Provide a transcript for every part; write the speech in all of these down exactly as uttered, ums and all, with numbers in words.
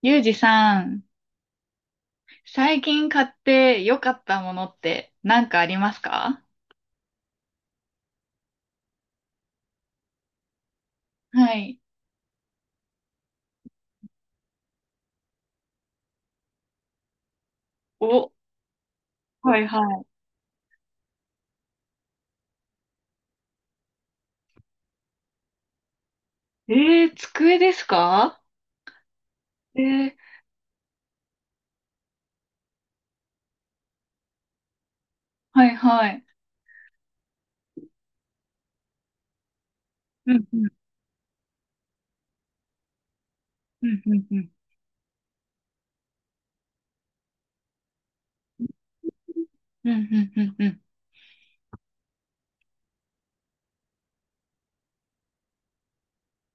ゆうじさん、最近買って良かったものって何かありますか？はい。お、はいはい。えー、机ですか？えー、はいはい。うんうん、うん、うん、うん、うん、うん、うん。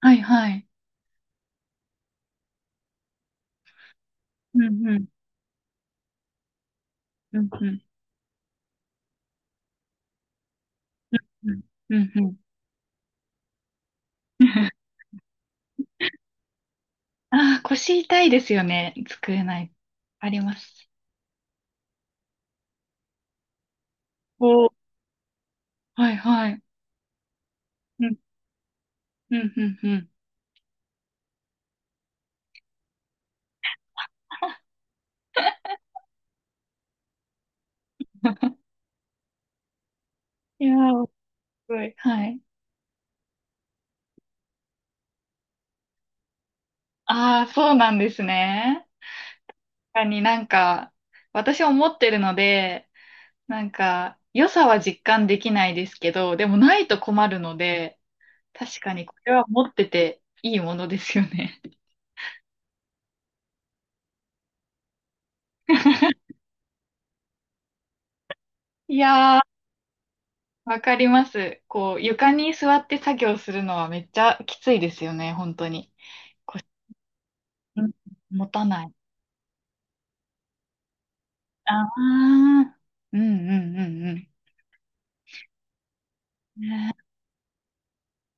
はいはい。うん、うん、うん、うん、うん、うん。うん、ああー、腰痛いですよね。机ない。あります。お、はいはい。うん、うん、うん、うん。いやー、すごい。はい。ああ、そうなんですね。かになんか、私思ってるので、なんか、良さは実感できないですけど、でもないと困るので、確かにこれは持ってていいものですよね。いやー、わかります。こう、床に座って作業するのはめっちゃきついですよね、本当に。腰持たない。ああ、うんうんうんうん。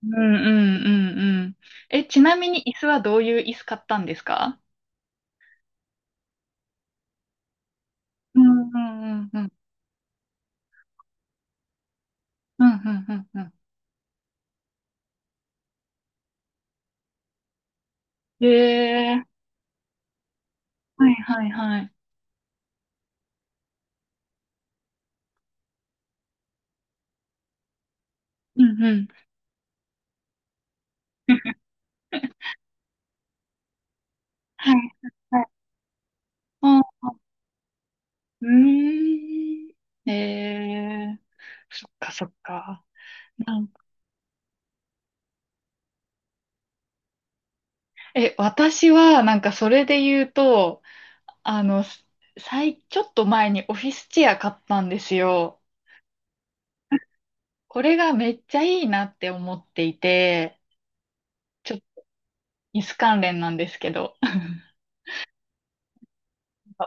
うんうんうんうん。え、ちなみに椅子はどういう椅子買ったんですか？うんうんうんうん。うんうんうんうん。えーはいはいはい。うんうん。はいはいはい。ああ、うーん。えーそっかそっか。なんかえ、私はなんかそれで言うと、あの、さい、ちょっと前にオフィスチェア買ったんですよ。これがめっちゃいいなって思っていて、ちょっと椅子関連なんですけど。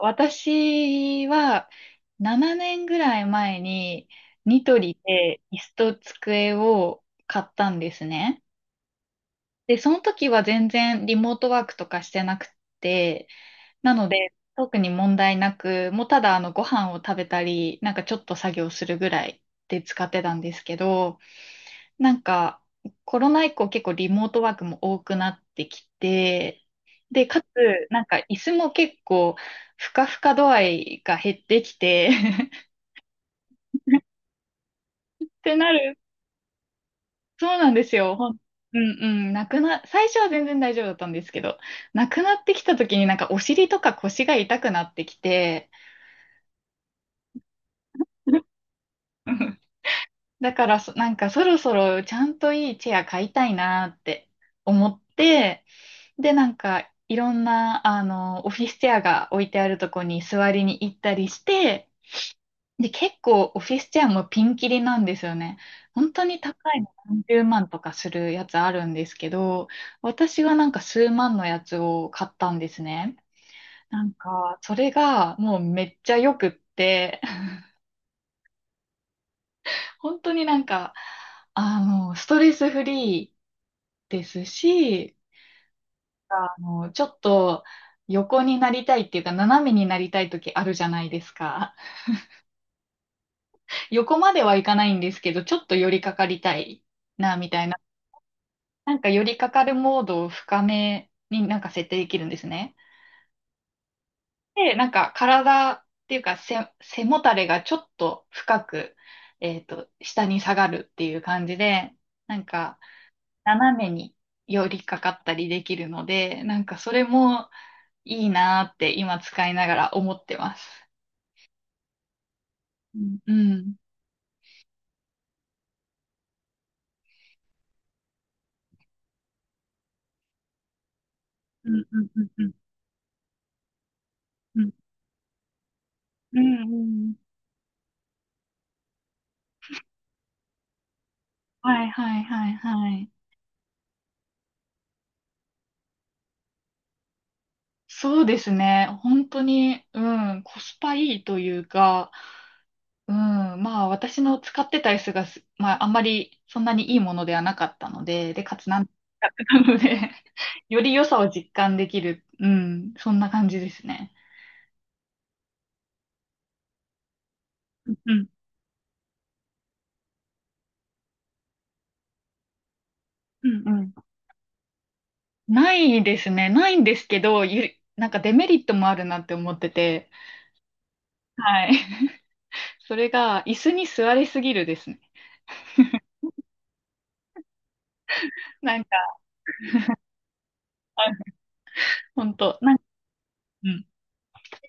私はななねんぐらい前にニトリで椅子と机を買ったんですね。で、その時は全然リモートワークとかしてなくて、なので特に問題なく、もうただあのご飯を食べたり、なんかちょっと作業するぐらいで使ってたんですけど、なんか、コロナ以降結構リモートワークも多くなってきて、で、かつ、なんか椅子も結構、ふかふか度合いが減ってきて ってなる。そうなんですよ。ほんうんうん。なくな、最初は全然大丈夫だったんですけど、なくなってきた時になんかお尻とか腰が痛くなってきて、だからそ、なんかそろそろちゃんといいチェア買いたいなって思って、で、なんか、いろんな、あの、オフィスチェアが置いてあるとこに座りに行ったりして、で、結構オフィスチェアもピンキリなんですよね。本当に高いの何十万とかするやつあるんですけど、私はなんか数万のやつを買ったんですね。なんか、それがもうめっちゃ良くって、本当になんか、あの、ストレスフリーですし、あの、ちょっと横になりたいっていうか、斜めになりたい時あるじゃないですか？横まではいかないんですけど、ちょっと寄りかかりたいな、みたいな。なんか寄りかかるモードを深めになんか設定できるんですね。で、なんか体っていうか背、背もたれがちょっと深く、えっと、下に下がるっていう感じで、なんか斜めに寄りかかったりできるので、なんかそれもいいなーって今使いながら思ってます。うん、うん、うん、うん、うん、うん、うん、うん、はいはいはいはい。そうですね。本当に、うん、コスパいいというか、うん、まあ私の使ってた椅子がす、まああんまりそんなにいいものではなかったので、で、かつなんなので より良さを実感できる、うん、そんな感じですね。うん、うん。うん、ないですね。ないんですけど、ゆ、なんかデメリットもあるなって思ってて、はい。それが、椅子に座りすぎるですね。なんか、本当なんか、うん。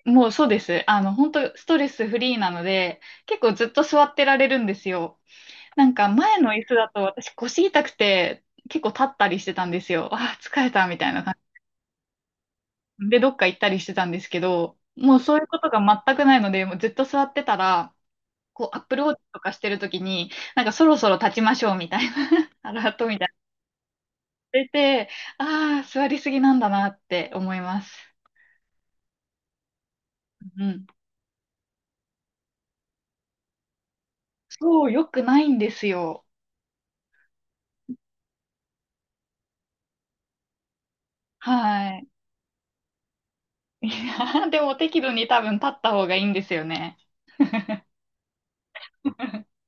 もうそうです。あの、本当ストレスフリーなので、結構ずっと座ってられるんですよ。なんか、前の椅子だと私腰痛くて、結構立ったりしてたんですよ。ああ、疲れたみたいな感じ。で、どっか行ったりしてたんですけど、もうそういうことが全くないので、もうずっと座ってたら、こう、アップルウォッチとかしてるときに、なんかそろそろ立ちましょうみたいな、アラートみたいなの出て、ああ、座りすぎなんだなって思います。うん。そう、良くないんですよ。はい。いやでも適度に多分立った方がいいんですよね。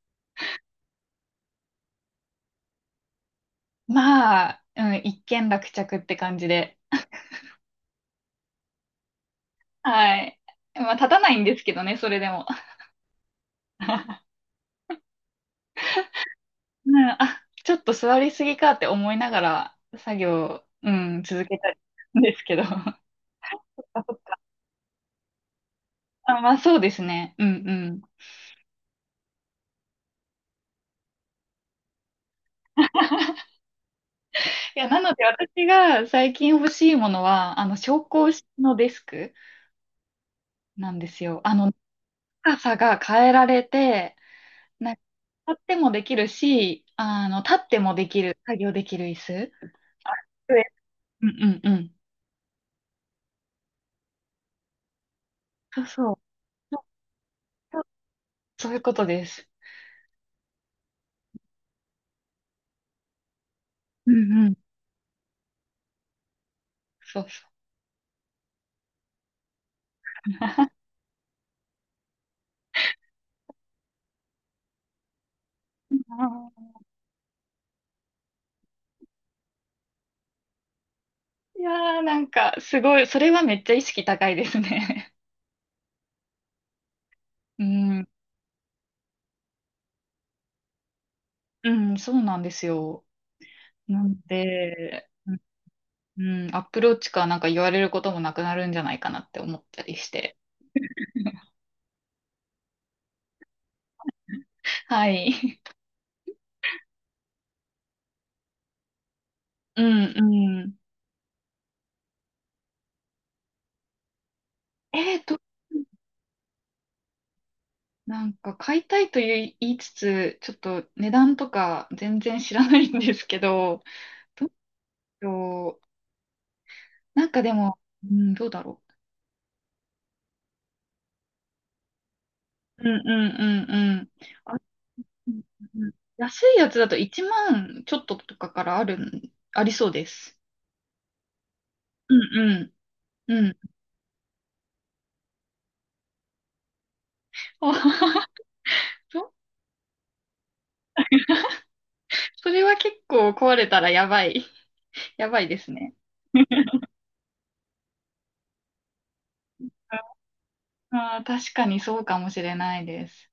まあ、うん、一件落着って感じで。はい。まあ、立たないんですけどね、それでも。うん、あ、ちょっと座りすぎかって思いながら作業、うん、続けたりするんですけど。あ、そっか、あ、まあ、そうですね。うんうん。いや、なので私が最近欲しいものは、あの、昇降式のデスクなんですよ。あの、高さが変えられて、なんか立ってもできるし、あの、立ってもできる、作業できる椅子。上うんうんうん。そうそう。そうそう、そういうことです。うんうん。そうそう。あーいやー、なんか、すごい、それはめっちゃ意識高いですね。うん、うん、そうなんですよ。なんで、うん、うん、アプローチかなんか言われることもなくなるんじゃないかなって思ったりして。はい。うん、うん。えっと、なんか買いたいという言いつつ、ちょっと値段とか全然知らないんですけど、どうしよう。なんかでも、うん、どうだろう。うんうんうんうん。あ、うんうん安いやつだといちまんちょっととかからあるん、ありそうです。うんうん。うん。あ、 そそれは結構壊れたらやばい。やばいですね。ああ、確かにそうかもしれないです。